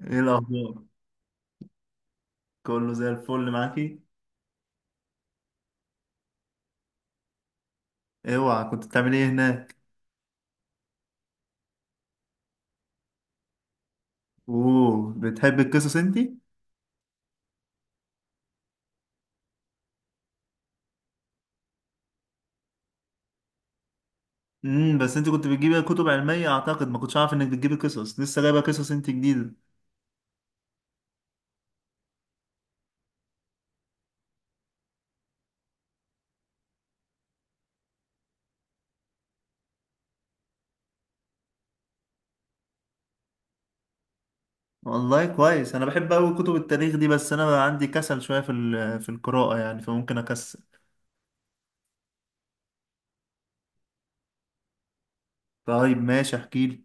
ايه الاخبار؟ كله زي الفل معاكي؟ اوعى، كنت بتعملي ايه هناك؟ اوه، بتحبي القصص انتي؟ بس انتي كنت بتجيبي كتب علميه اعتقد، ما كنتش عارف انك بتجيبي قصص. لسه جايبه قصص انتي جديده؟ والله كويس، انا بحب قوي كتب التاريخ دي. بس انا بقى عندي كسل شويه في القراءه يعني، فممكن اكسل. طيب ماشي، احكيلي.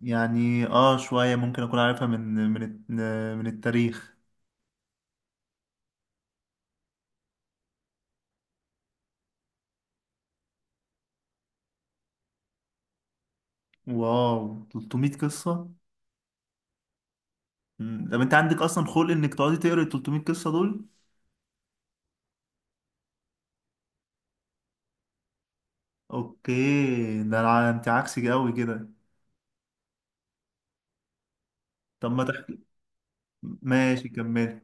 يعني اه شويه ممكن اكون عارفها من الت- من التاريخ. واو، 300 قصه! مم. طب انت عندك اصلا خلق انك تقعدي تقري ال 300 قصه دول؟ اوكي، ده انت عكسي قوي كده. طب ما تحكي. ماشي، كمل.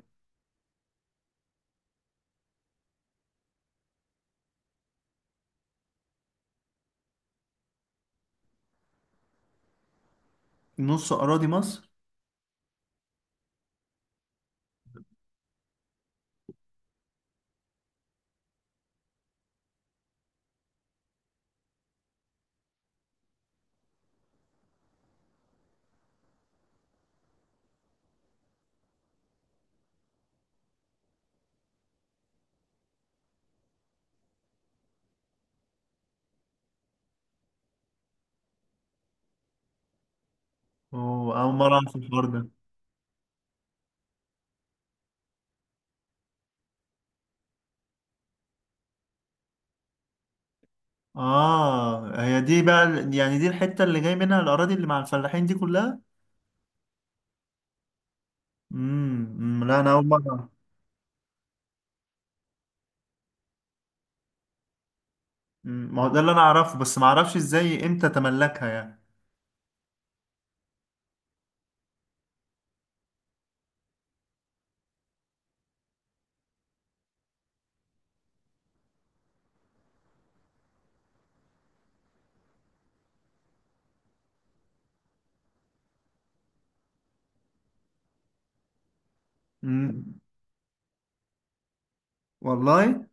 نص اراضي مصر؟ أوه، اول مره اعرف الحوار ده. اه، هي دي بقى يعني دي الحته اللي جاي منها الاراضي اللي مع الفلاحين دي كلها؟ امم، أمم، لا، انا اول مره أعرف. ما هو ده اللي انا اعرفه، بس ما اعرفش ازاي، امتى تملكها يعني. امم. والله.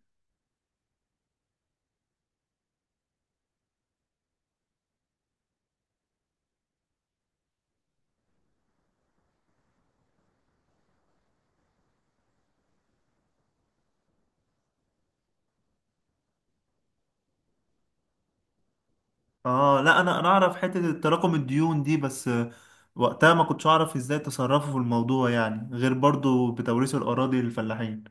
اه، لا، انا اعرف حته تراكم الديون دي، بس وقتها ما كنتش اعرف ازاي تصرفوا في الموضوع، يعني غير برضو بتوريث الاراضي للفلاحين.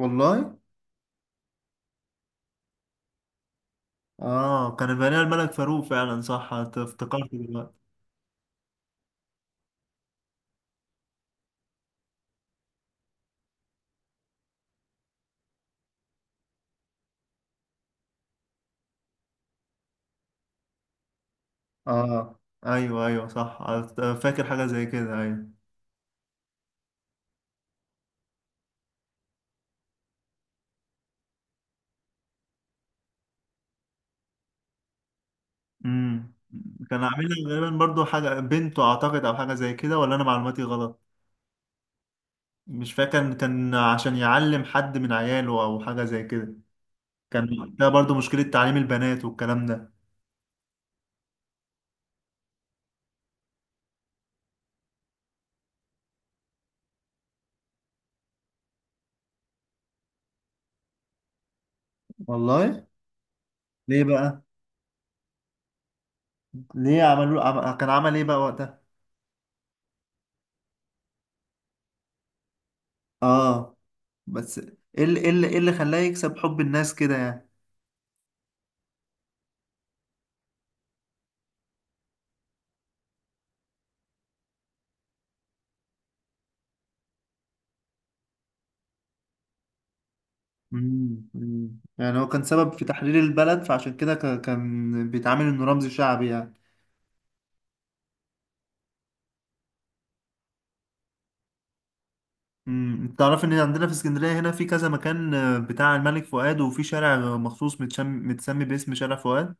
والله. اه، كان بني الملك فاروق فعلا، صح. افتكرت دلوقتي. اه، ايوه ايوه، صح. فاكر حاجه زي كده، ايوه. امم كان عاملها غالبا برضو حاجه بنته اعتقد، او حاجه زي كده، ولا انا معلوماتي غلط؟ مش فاكر، كان عشان يعلم حد من عياله، او حاجه زي كده. كان ده برضو مشكله تعليم البنات والكلام ده. والله. ليه بقى؟ ليه عملوا كان عمل ايه بقى وقتها؟ اه. بس ايه اللي ايه اللي إيه اللي خلاه يكسب حب الناس كده يعني؟ يعني هو كان سبب في تحرير البلد، فعشان كده كان بيتعامل انه رمز شعبي يعني. مم. انت تعرف ان عندنا في اسكندريه هنا في كذا مكان بتاع الملك فؤاد، وفي شارع مخصوص متسمي باسم شارع فؤاد.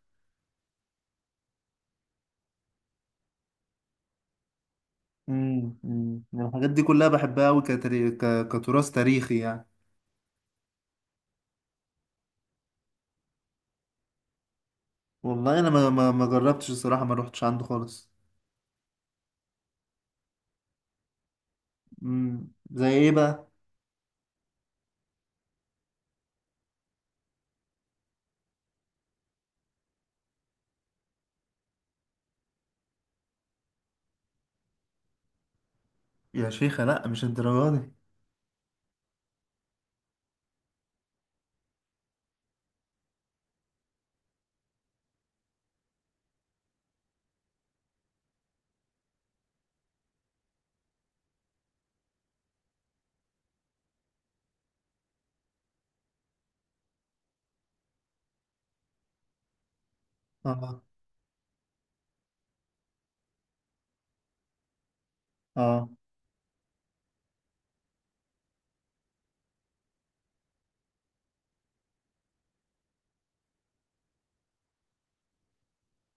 الحاجات دي كلها بحبها قوي كتراث تاريخي يعني. والله، انا ما جربتش الصراحه، ما روحتش عنده خالص. مم. زي ايه بقى؟ يا شيخة، لا مش الدرجه دي. اه، اه،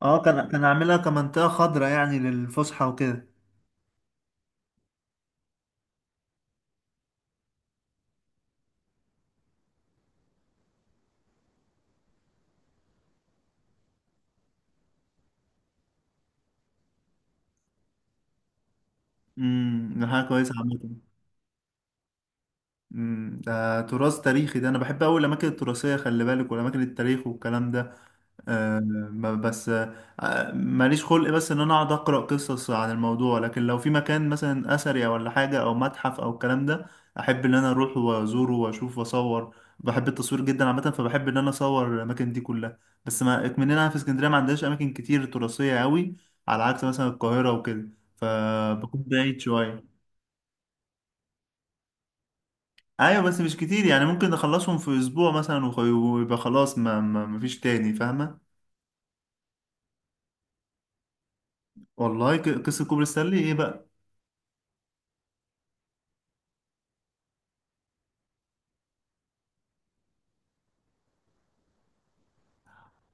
اه، كان عاملها كمنطقه خضراء يعني للفسحه وكده. ده حاجه كويسه عامه. ده تراث تاريخي، ده انا بحب قوي الاماكن التراثيه خلي بالك، والاماكن التاريخ والكلام ده. أه بس ماليش خلق، بس ان انا اقعد اقرا قصص عن الموضوع، لكن لو في مكان مثلا اثري ولا حاجه او متحف او الكلام ده، احب ان انا اروح وازوره واشوف واصور. بحب التصوير جدا عامه، فبحب ان انا اصور الاماكن دي كلها. بس ما اكمننا في اسكندريه، ما عندناش اماكن كتير تراثيه قوي، على عكس مثلا القاهره وكده، فبكون بعيد شويه. ايوه، بس مش كتير يعني. ممكن اخلصهم في اسبوع مثلا، ويبقى خلاص، ما مفيش تاني، فاهمه؟ والله، قصه كوبري ستانلي ايه بقى؟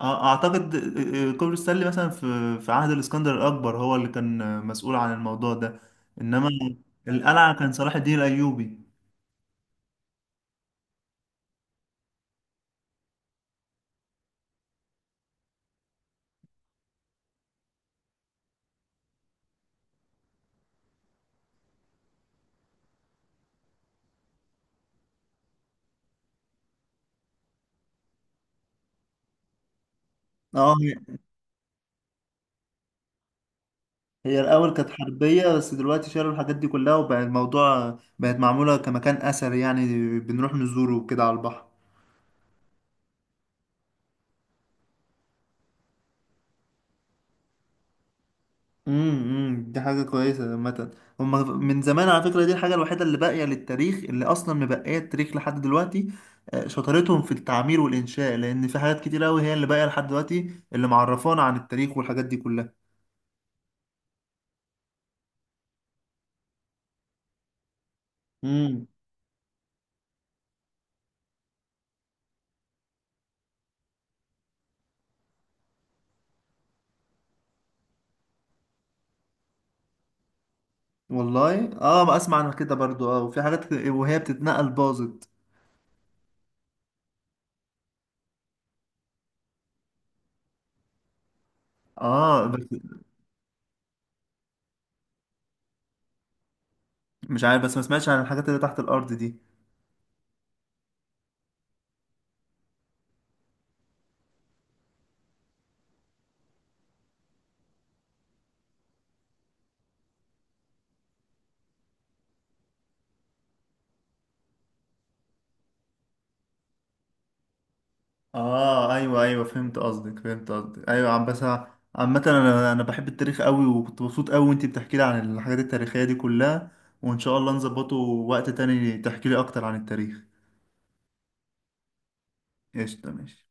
اعتقد كوبري ستانلي مثلا في عهد الاسكندر الاكبر، هو اللي كان مسؤول عن الموضوع ده. انما القلعه كان صلاح الدين الايوبي. اه، هي الاول كانت حربيه، بس دلوقتي شالوا الحاجات دي كلها وبقى الموضوع، بقت معموله كمكان اثري يعني. بنروح نزوره وكده على البحر. دي حاجة كويسة عامة. هما من زمان على فكرة، دي الحاجة الوحيدة اللي باقية للتاريخ، اللي أصلا مبقية التاريخ لحد دلوقتي. شطارتهم في التعمير والإنشاء، لأن في حاجات كتير أوي هي اللي باقية لحد دلوقتي، اللي معرفانا عن التاريخ والحاجات دي كلها. امم والله. اه، ما اسمع عن كده برضو. اه، وفي حاجات وهي بتتنقل باظت. اه، بس مش عارف، بس ما سمعتش عن الحاجات اللي تحت الأرض دي. اه، ايوه ايوه، فهمت قصدك، فهمت قصدك، ايوه. عامة انا بحب التاريخ قوي، وكنت مبسوط قوي وانتي بتحكي لي عن الحاجات التاريخية دي كلها. وان شاء الله نظبطه وقت تاني تحكي لي اكتر عن التاريخ. قشطة، ماشي.